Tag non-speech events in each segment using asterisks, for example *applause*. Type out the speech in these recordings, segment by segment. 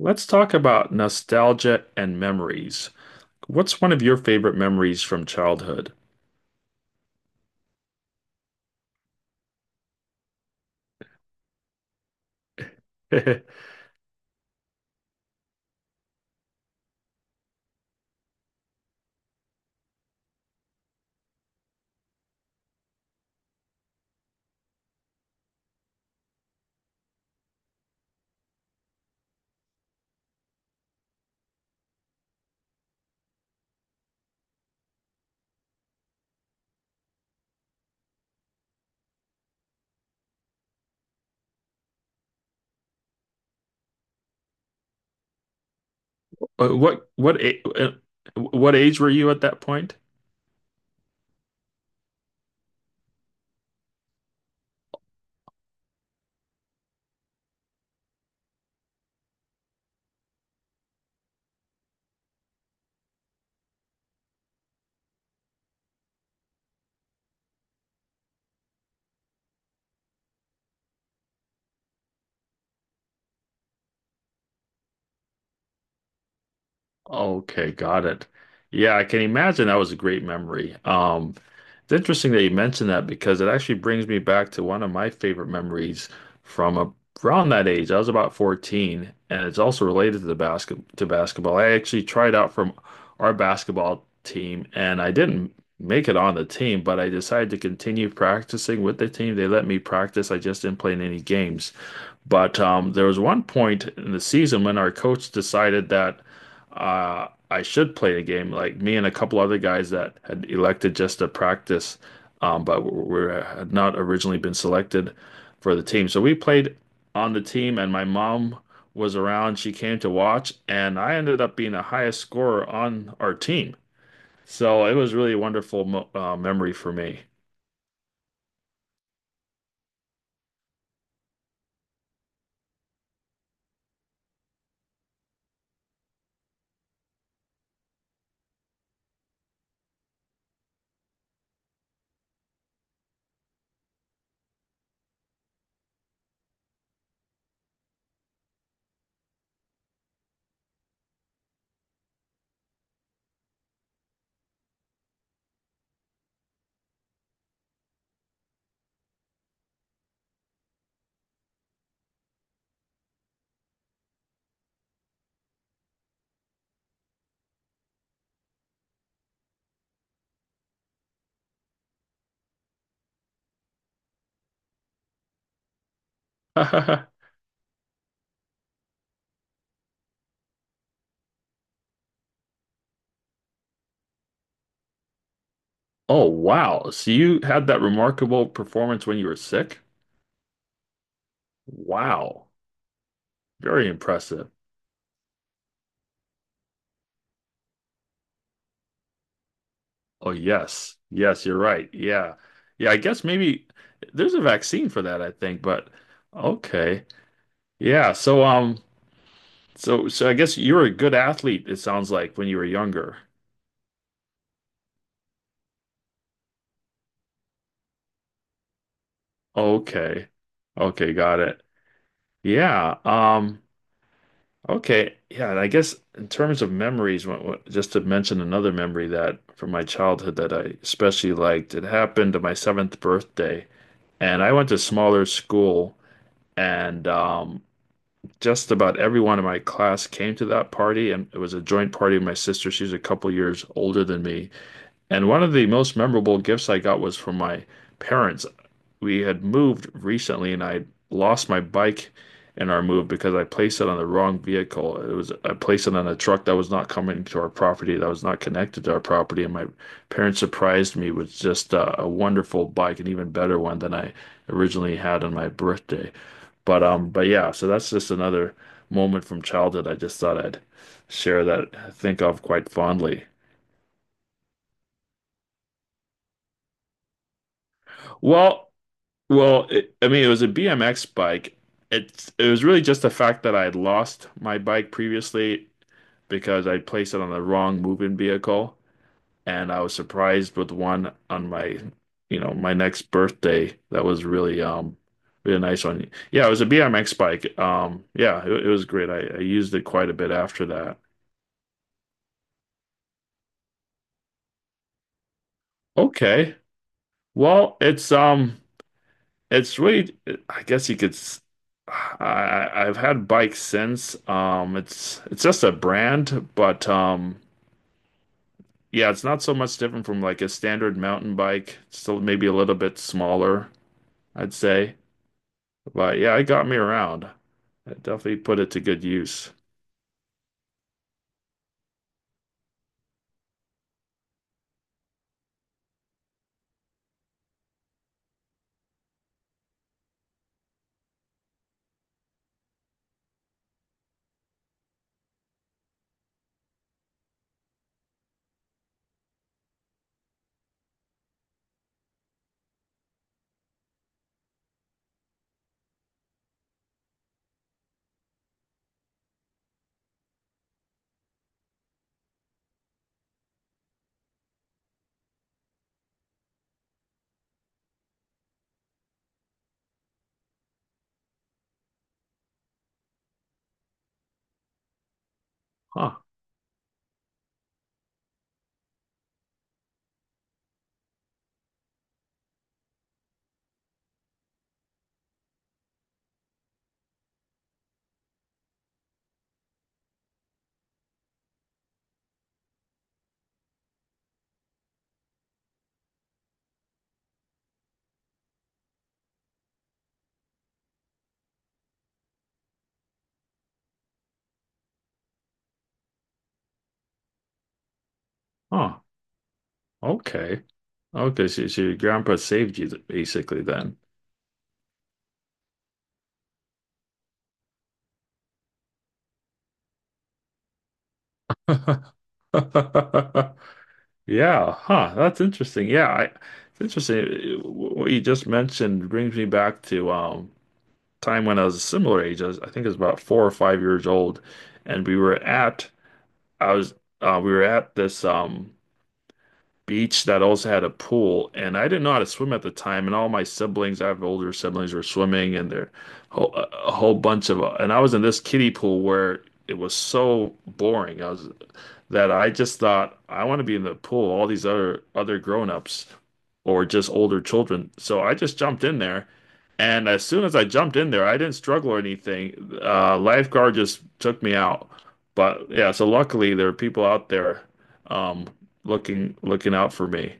Let's talk about nostalgia and memories. What's one of your favorite memories from childhood? *laughs* Uh, What what a- uh, what age were you at that point? Okay, got it. Yeah, I can imagine that was a great memory. It's interesting that you mentioned that because it actually brings me back to one of my favorite memories from a, around that age. I was about 14, and it's also related to the basketball. I actually tried out from our basketball team, and I didn't make it on the team, but I decided to continue practicing with the team. They let me practice. I just didn't play in any games. But there was one point in the season when our coach decided that I should play the game. Like me and a couple other guys that had elected just to practice, but were had not originally been selected for the team. So we played on the team, and my mom was around. She came to watch, and I ended up being the highest scorer on our team. So it was really a wonderful mo memory for me. *laughs* Oh, wow. So you had that remarkable performance when you were sick? Wow. Very impressive. Oh, yes. Yes, you're right. Yeah. Yeah, I guess maybe there's a vaccine for that, I think, but okay. Yeah, so so I guess you were a good athlete, it sounds like, when you were younger. Okay. Okay, got it. Yeah. Okay. Yeah, and I guess in terms of memories, just to mention another memory that from my childhood that I especially liked, it happened to my seventh birthday. And I went to smaller school. And just about everyone in my class came to that party, and it was a joint party with my sister. She's a couple years older than me. And one of the most memorable gifts I got was from my parents. We had moved recently, and I lost my bike in our move because I placed it on the wrong vehicle. It was I placed it on a truck that was not coming to our property, that was not connected to our property, and my parents surprised me with just a wonderful bike, an even better one than I originally had on my birthday. But yeah, so that's just another moment from childhood. I just thought I'd share that I think of quite fondly. Well, well, I mean, it was a BMX bike. It was really just the fact that I had lost my bike previously because I placed it on the wrong moving vehicle, and I was surprised with one on my, you know, my next birthday. That was really really nice one. Yeah, it was a BMX bike. Yeah, it was great. I used it quite a bit after that. Okay. Well, it's really, I guess you could. S- I- I've had bikes since. It's just a brand, but yeah, it's not so much different from like a standard mountain bike. It's still maybe a little bit smaller, I'd say. But yeah, it got me around. I definitely put it to good use. Huh? Huh? Okay. Okay. So, so your grandpa saved you basically then. *laughs* Yeah, huh. That's interesting. It's interesting. What you just mentioned brings me back to time when I was a similar age. I think it was about four or five years old, and we were at I was we were at this beach that also had a pool, and I didn't know how to swim at the time. And all my siblings, I have older siblings, were swimming, and a whole bunch of and I was in this kiddie pool where it was so boring. I was that I just thought I want to be in the pool, all these other grown-ups or just older children. So I just jumped in there. And as soon as I jumped in there, I didn't struggle or anything. Lifeguard just took me out. But yeah, so luckily there are people out there um, looking out for me.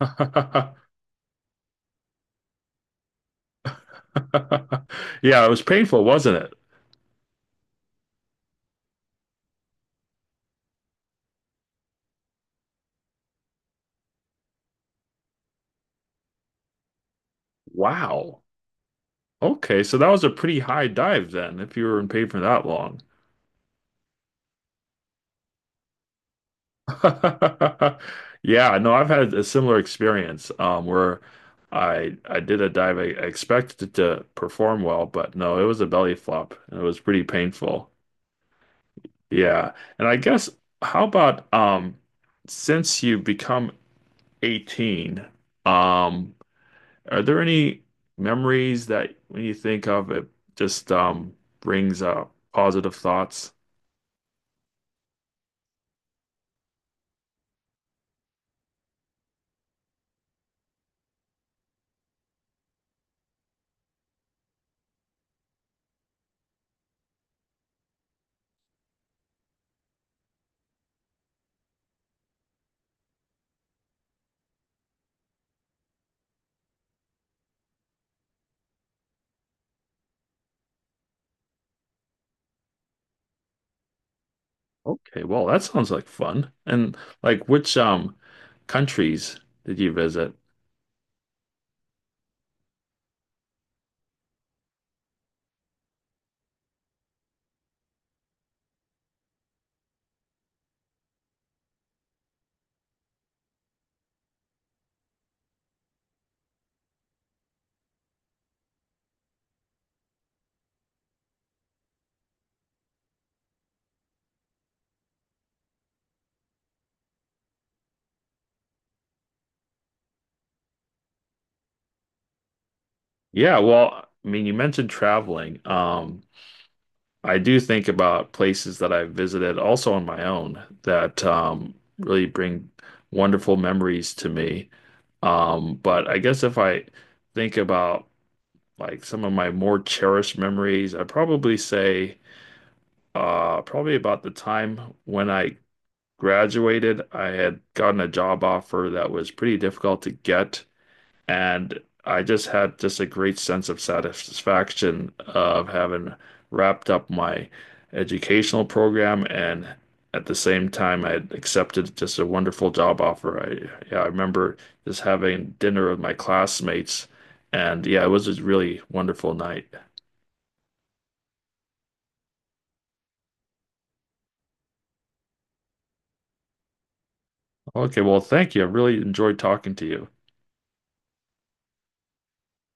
*laughs* Yeah, it was painful, wasn't it? Wow. Okay, so that was a pretty high dive then, if you were in paid for that long. *laughs* Yeah, no, I've had a similar experience where I did a dive. I expected it to perform well, but no, it was a belly flop, and it was pretty painful. Yeah, and I guess how about since you've become 18, um, are there any memories that when you think of it just brings up positive thoughts? Okay, well, that sounds like fun. And like which countries did you visit? Yeah, well, I mean, you mentioned traveling. I do think about places that I've visited also on my own that really bring wonderful memories to me. But I guess if I think about like some of my more cherished memories, I'd probably say probably about the time when I graduated, I had gotten a job offer that was pretty difficult to get, and I just had just a great sense of satisfaction of having wrapped up my educational program and at the same time I had accepted just a wonderful job offer. I Yeah, I remember just having dinner with my classmates and yeah, it was a really wonderful night. Okay, well, thank you. I really enjoyed talking to you.